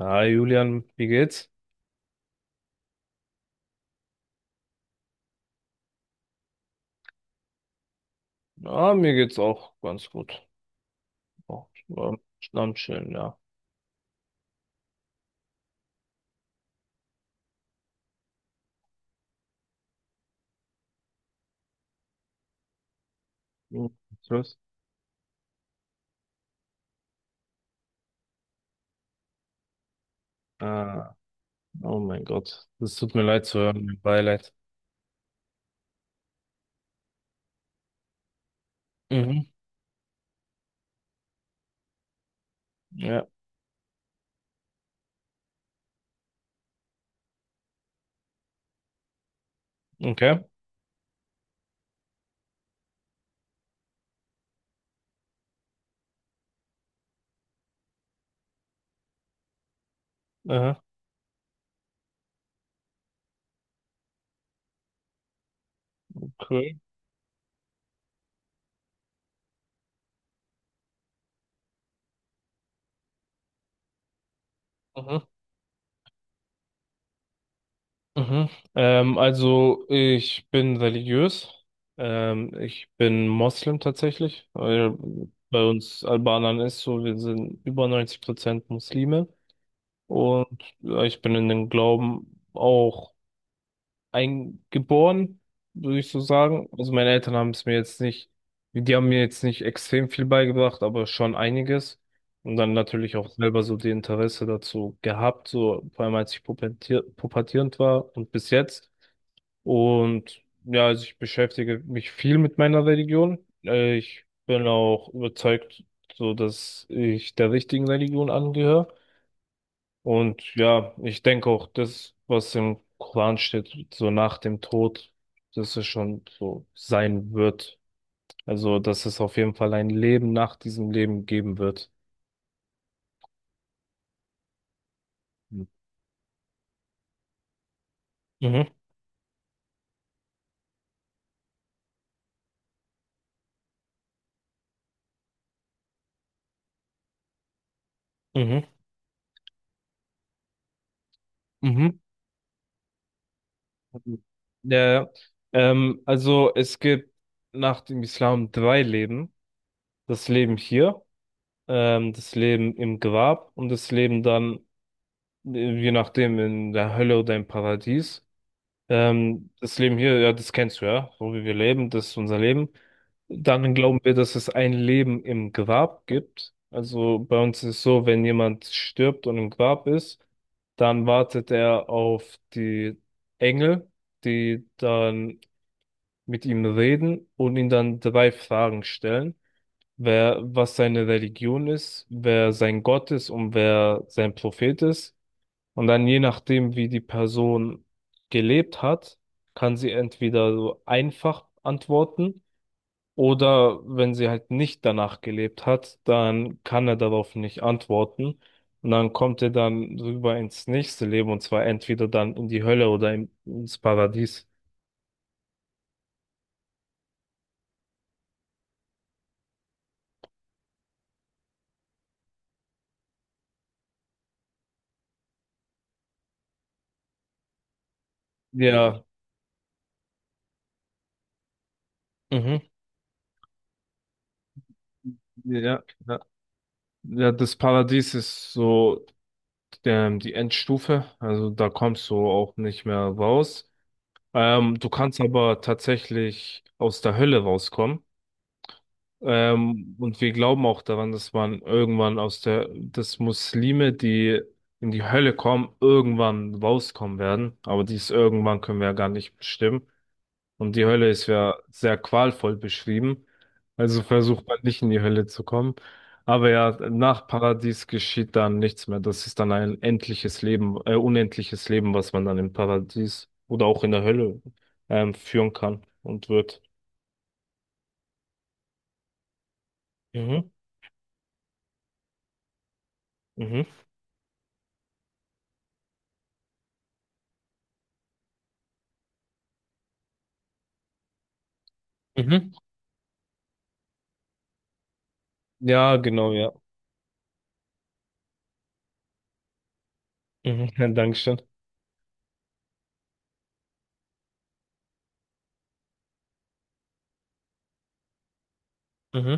Hi Julian, wie geht's? Ah, mir geht's auch ganz gut. Auch ähm, am Chillen, ja. Hm, was los? Ah, oh mein Gott, das tut mir leid zu hören, mein Beileid. Mhm, ja, okay. Aha, okay. Mhm, mhm. Also ich bin religiös. Ich bin Moslem tatsächlich. Weil Bei uns Albanern ist so, wir sind über 90% Muslime. Und ich bin in dem Glauben auch eingeboren, würde ich so sagen. Also meine Eltern haben es mir jetzt nicht, die haben mir jetzt nicht extrem viel beigebracht, aber schon einiges. Und dann natürlich auch selber so die Interesse dazu gehabt, so vor allem als ich pubertierend war und bis jetzt. Und ja, also ich beschäftige mich viel mit meiner Religion. Ich bin auch überzeugt, so dass ich der richtigen Religion angehöre. Und ja, ich denke auch, das, was im Koran steht, so nach dem Tod, dass es schon so sein wird. Also, dass es auf jeden Fall ein Leben nach diesem Leben geben wird. Mhm, mhm, mhm. Mhm. Ja, ja. Also es gibt nach dem Islam 3 Leben. Das Leben hier, das Leben im Grab und das Leben dann, je nachdem, in der Hölle oder im Paradies. Das Leben hier, ja, das kennst du ja, so wie wir leben, das ist unser Leben. Dann glauben wir, dass es ein Leben im Grab gibt. Also bei uns ist es so, wenn jemand stirbt und im Grab ist, dann wartet er auf die Engel, die dann mit ihm reden und ihn dann 3 Fragen stellen. Wer, was seine Religion ist, wer sein Gott ist und wer sein Prophet ist. Und dann je nachdem, wie die Person gelebt hat, kann sie entweder so einfach antworten oder wenn sie halt nicht danach gelebt hat, dann kann er darauf nicht antworten. Und dann kommt er dann rüber ins nächste Leben und zwar entweder dann in die Hölle oder ins Paradies. Ja, mhm. Ja, ja. Ja, das Paradies ist so die Endstufe. Also da kommst du auch nicht mehr raus. Du kannst aber tatsächlich aus der Hölle rauskommen. Und wir glauben auch daran, dass man irgendwann aus dass Muslime, die in die Hölle kommen, irgendwann rauskommen werden. Aber dies irgendwann können wir ja gar nicht bestimmen. Und die Hölle ist ja sehr qualvoll beschrieben. Also versucht man nicht in die Hölle zu kommen. Aber ja, nach Paradies geschieht dann nichts mehr. Das ist dann ein endliches Leben, unendliches Leben, was man dann im Paradies oder auch in der Hölle, führen kann und wird. Mhm, mhm, mhm. Ja, genau, ja. Mhm, ja, Dankeschön. Mhm,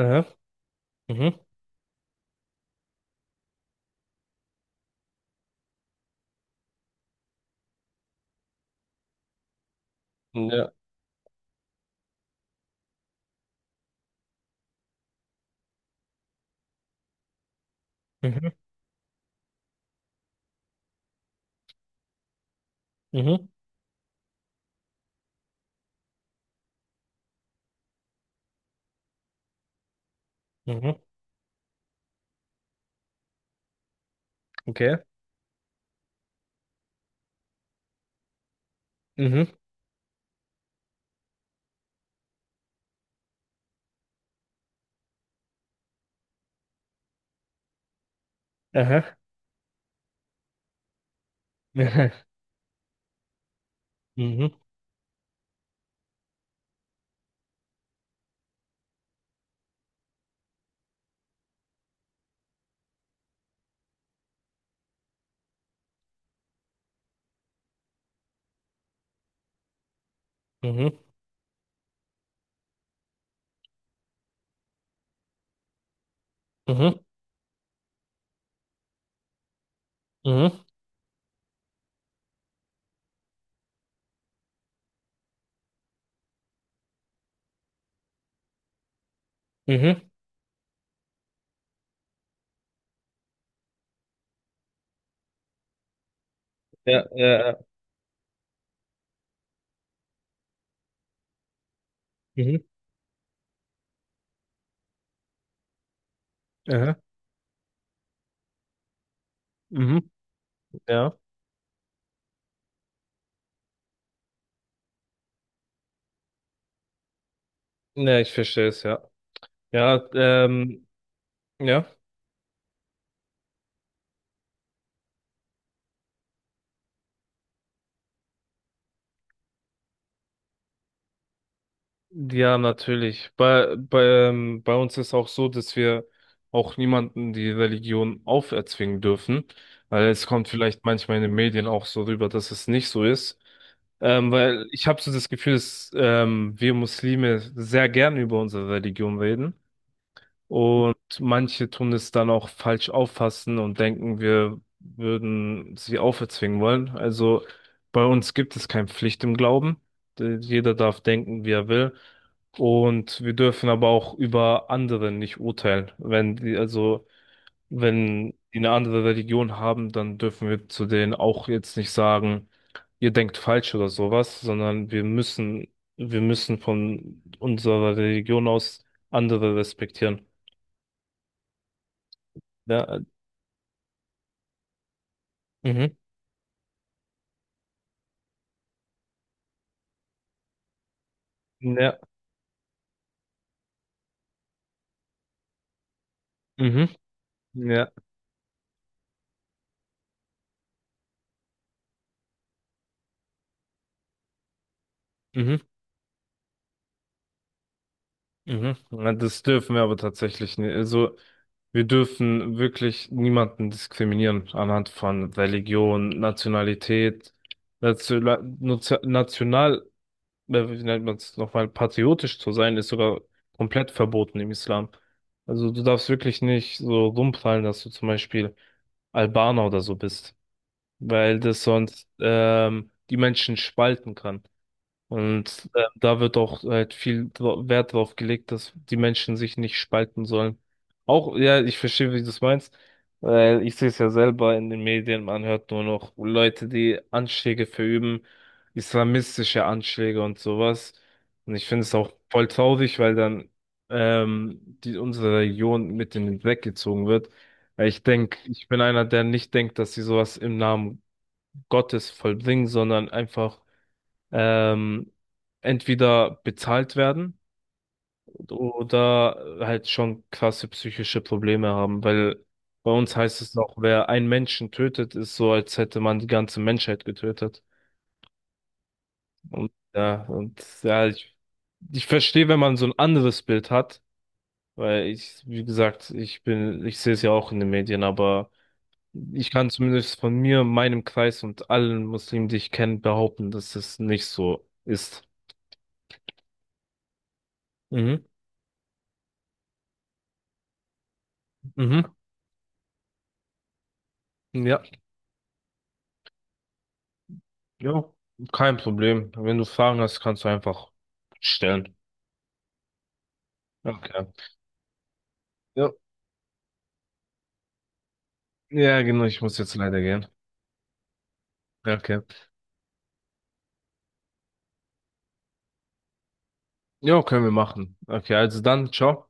aha, mhm, ja, mhm, mhm, mhm, okay, mhm, aha, mhm, mhm, mhm, mhm, mhm. Mhm. Ja, ja, ja. Mhm. Aha. Mhm. Ja. Ja, ich verstehe es, ja. Ja, ja. Ja, natürlich. Bei, bei uns ist auch so, dass wir auch niemanden die Religion auferzwingen dürfen. Weil es kommt vielleicht manchmal in den Medien auch so rüber, dass es nicht so ist. Weil ich habe so das Gefühl, dass wir Muslime sehr gern über unsere Religion reden. Und manche tun es dann auch falsch auffassen und denken, wir würden sie auferzwingen wollen. Also bei uns gibt es keine Pflicht im Glauben. Jeder darf denken, wie er will. Und wir dürfen aber auch über andere nicht urteilen. Wenn die, also, wenn die eine andere Religion haben, dann dürfen wir zu denen auch jetzt nicht sagen, ihr denkt falsch oder sowas, sondern wir müssen von unserer Religion aus andere respektieren. Ja, Mhm. ja, Mhm. ja. Mhm. Mhm. Ja, das dürfen wir aber tatsächlich nicht. Also wir dürfen wirklich niemanden diskriminieren anhand von Religion, Nationalität, National, national, wie nennt man es nochmal, patriotisch zu sein, ist sogar komplett verboten im Islam. Also du darfst wirklich nicht so rumprallen, dass du zum Beispiel Albaner oder so bist, weil das sonst die Menschen spalten kann. Und da wird auch halt viel Wert drauf gelegt, dass die Menschen sich nicht spalten sollen. Auch, ja, ich verstehe, wie du es meinst, weil ich sehe es ja selber in den Medien, man hört nur noch Leute, die Anschläge verüben, islamistische Anschläge und sowas. Und ich finde es auch voll traurig, weil dann unsere Region mit in den Dreck gezogen wird. Weil ich denke, ich bin einer, der nicht denkt, dass sie sowas im Namen Gottes vollbringen, sondern einfach ähm, entweder bezahlt werden oder halt schon krasse psychische Probleme haben, weil bei uns heißt es noch, wer einen Menschen tötet, ist so, als hätte man die ganze Menschheit getötet. Und ja, ich verstehe, wenn man so ein anderes Bild hat, weil wie gesagt, ich sehe es ja auch in den Medien, aber ich kann zumindest von mir, meinem Kreis und allen Muslimen, die ich kenne, behaupten, dass es nicht so ist. Mhm. Mhm. Ja. Ja, kein Problem. Wenn du Fragen hast, kannst du einfach stellen. Okay. Ja, ja, genau, ich muss jetzt leider gehen. Okay. Ja, können wir machen. Okay, also dann, ciao.